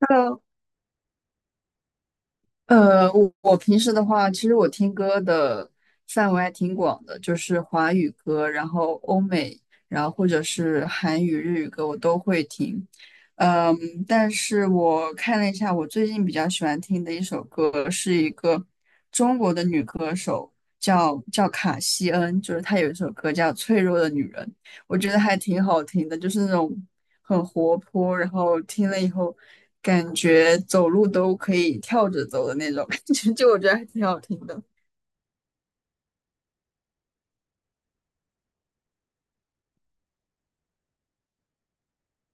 Hello，我平时的话，其实我听歌的范围还挺广的，就是华语歌，然后欧美，然后或者是韩语、日语歌，我都会听。嗯，但是我看了一下，我最近比较喜欢听的一首歌是一个中国的女歌手，叫卡西恩，就是她有一首歌叫《脆弱的女人》。我觉得还挺好听的，就是那种很活泼，然后听了以后感觉走路都可以跳着走的那种感觉，就我觉得还挺好听的。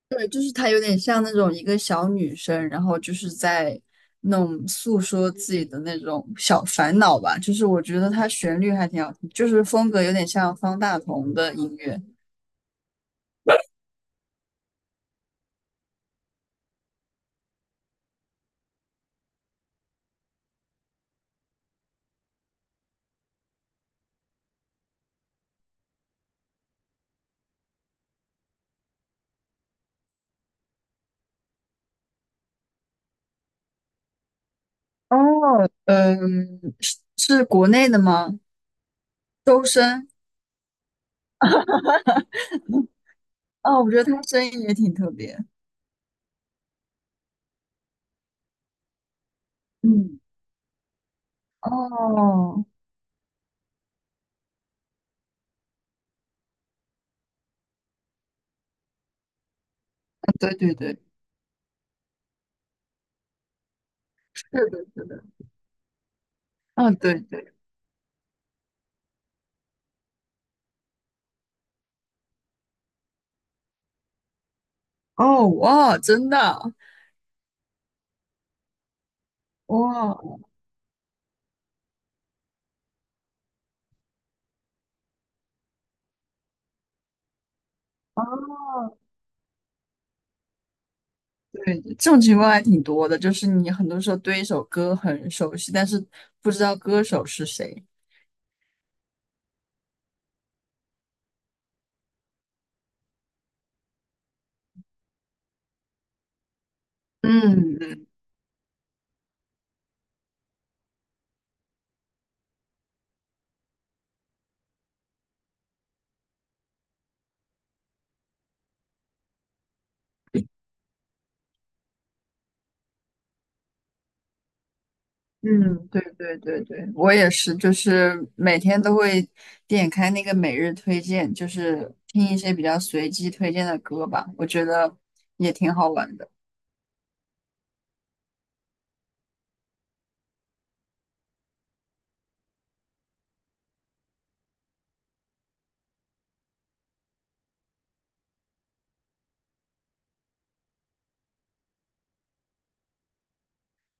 对，就是她有点像那种一个小女生，然后就是在那种诉说自己的那种小烦恼吧。就是我觉得她旋律还挺好听，就是风格有点像方大同的音乐。哦，嗯，是国内的吗？周深。哦，我觉得他声音也挺特别。嗯。哦，对对对，是的，是的，啊，对对，哦，哇，真的，哇，哦，对，这种情况还挺多的，就是你很多时候对一首歌很熟悉，但是不知道歌手是谁。嗯嗯嗯，对对对对，我也是，就是每天都会点开那个每日推荐，就是听一些比较随机推荐的歌吧，我觉得也挺好玩的。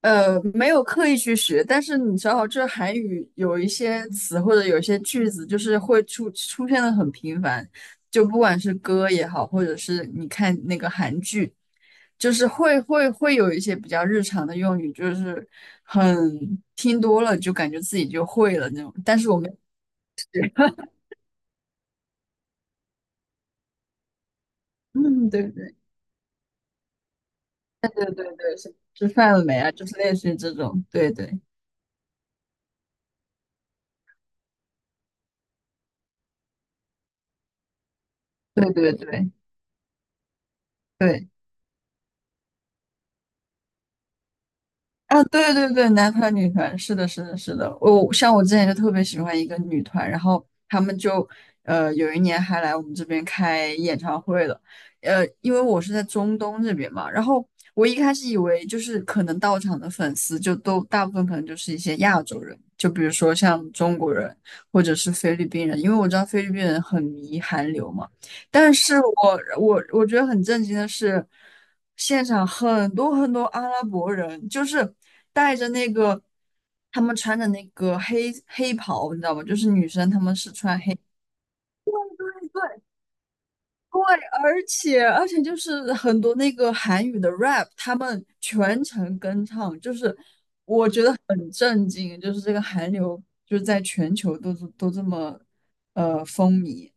呃，没有刻意去学，但是你知道，这韩语有一些词或者有一些句子，就是会出现的很频繁，就不管是歌也好，或者是你看那个韩剧，就是会有一些比较日常的用语，就是很听多了就感觉自己就会了那种。但是我们 嗯，对对对对对对，是吃饭了没啊？就是类似于这种，对对对对对对。啊，对对对，男团女团，是的，是的，是的。我像我之前就特别喜欢一个女团，然后他们就有一年还来我们这边开演唱会了。呃，因为我是在中东这边嘛，然后我一开始以为就是可能到场的粉丝就都大部分可能就是一些亚洲人，就比如说像中国人或者是菲律宾人，因为我知道菲律宾人很迷韩流嘛。但是我觉得很震惊的是，现场很多很多阿拉伯人，就是带着那个，他们穿着那个黑黑袍，你知道吗？就是女生她们是穿黑，对，而且就是很多那个韩语的 rap，他们全程跟唱，就是很震惊，就是这个韩流就是在全球都这么风靡。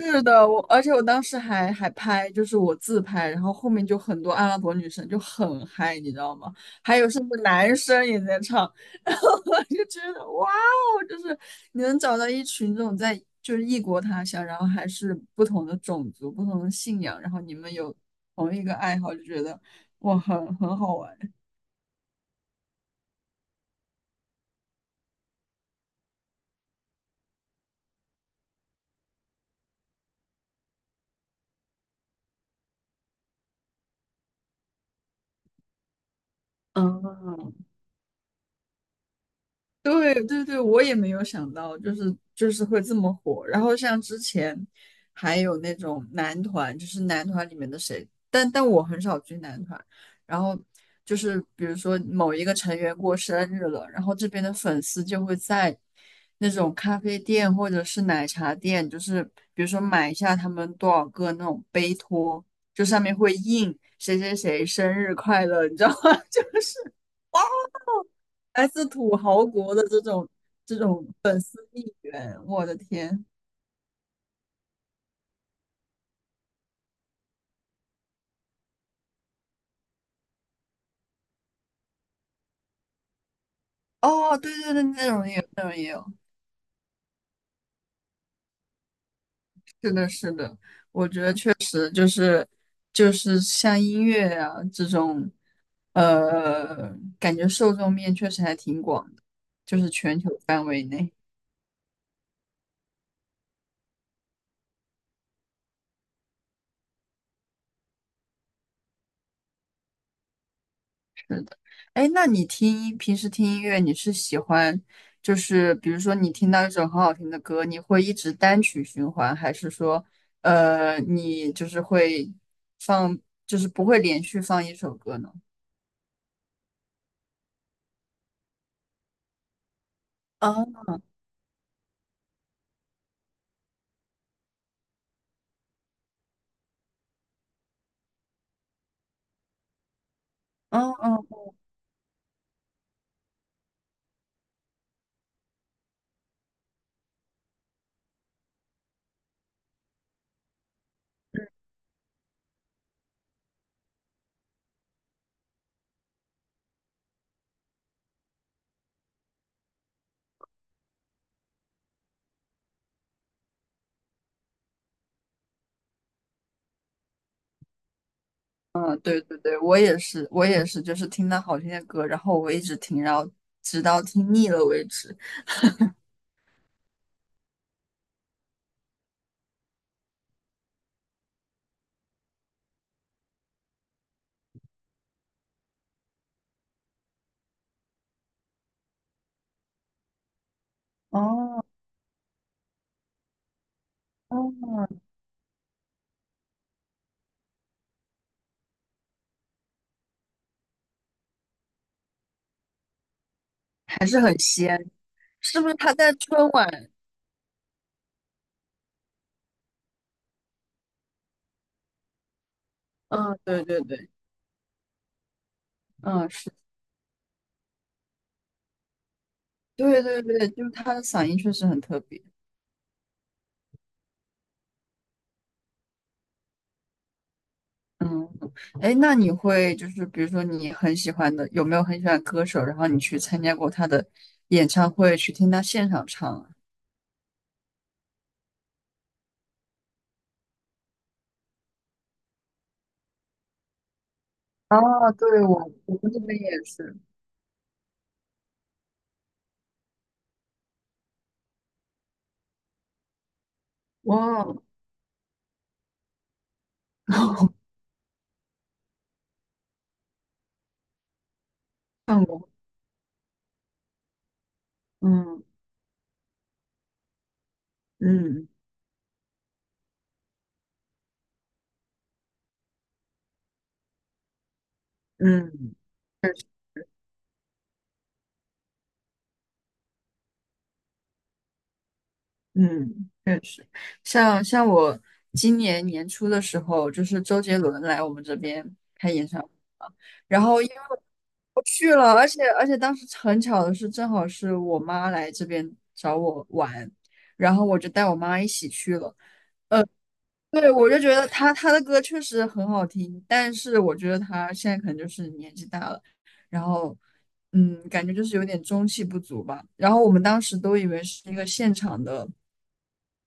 是的，我而且我当时还拍，就是我自拍，然后后面就很多阿拉伯女生就很嗨，你知道吗？还有甚至男生也在唱，然后我就觉得哇哦，就是你能找到一群这种在就是异国他乡，然后还是不同的种族、不同的信仰，然后你们有同一个爱好，就觉得哇，很很好玩。嗯，对对对，我也没有想到，就是会这么火。然后像之前还有那种男团，就是男团里面的谁，但我很少追男团。然后就是比如说某一个成员过生日了，然后这边的粉丝就会在那种咖啡店或者是奶茶店，就是比如说买一下他们多少个那种杯托，就上面会印谁谁谁生日快乐，你知道吗？就是。来自土豪国的这种粉丝应援，我的天！哦，对对对，那种也有，那种也有，是的，是的，就是像音乐啊这种，呃，感觉受众面确实还挺广的，就是全球范围内。是的，哎，那你平时听音乐，你是喜欢就是比如说你听到一首很好听的歌，你会一直单曲循环，还是说你就是会放就是不会连续放一首歌呢？啊，嗯嗯嗯，对对对，我也是，我也是，就是听到好听的歌，然后我一直听，然后直到听腻了为止。哦哦，还是很仙，是不是他在春晚？嗯，对对对，嗯，是。对对对，就是他的嗓音确实很特别。嗯，哎，那你会就是比如说你很喜欢的，有没有很喜欢歌手，然后你去参加过他的演唱会，去听他现场唱啊？啊，对，我我们这边也是，哇，看过，嗯嗯嗯嗯，确实，像像我今年年初的时候，就是周杰伦来我们这边开演唱会，然后因为我去了，而且当时很巧的是，正好是我妈来这边找我玩，然后我就带我妈一起去了。对，我就觉得她的歌确实很好听，但是我觉得她现在可能就是年纪大了，然后嗯，感觉就是有点中气不足吧。然后我们当时都以为是一个现场的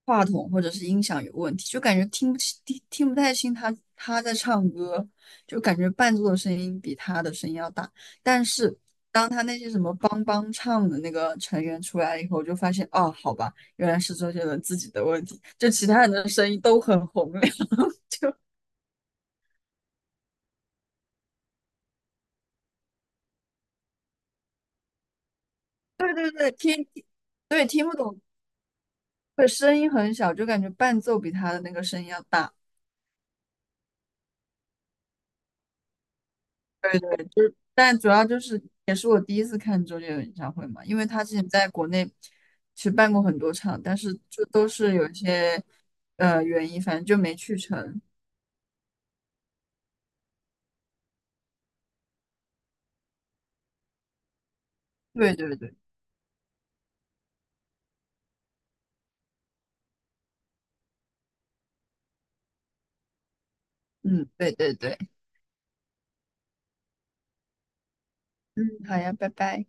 话筒或者是音响有问题，就感觉听不清、听不太清他在唱歌，就感觉伴奏的声音比他的声音要大。但是当他那些什么帮帮唱的那个成员出来以后，就发现哦，好吧，原来是周杰伦自己的问题，就其他人的声音都很洪亮，就是听，对，听不懂，对，声音很小，就感觉伴奏比他的那个声音要大。对对，就是，但主要就是也是我第一次看周杰伦演唱会嘛，因为他之前在国内其实办过很多场，但是就都是有一些原因，反正就没去成。对对对，嗯，对对对，嗯，好呀，拜拜。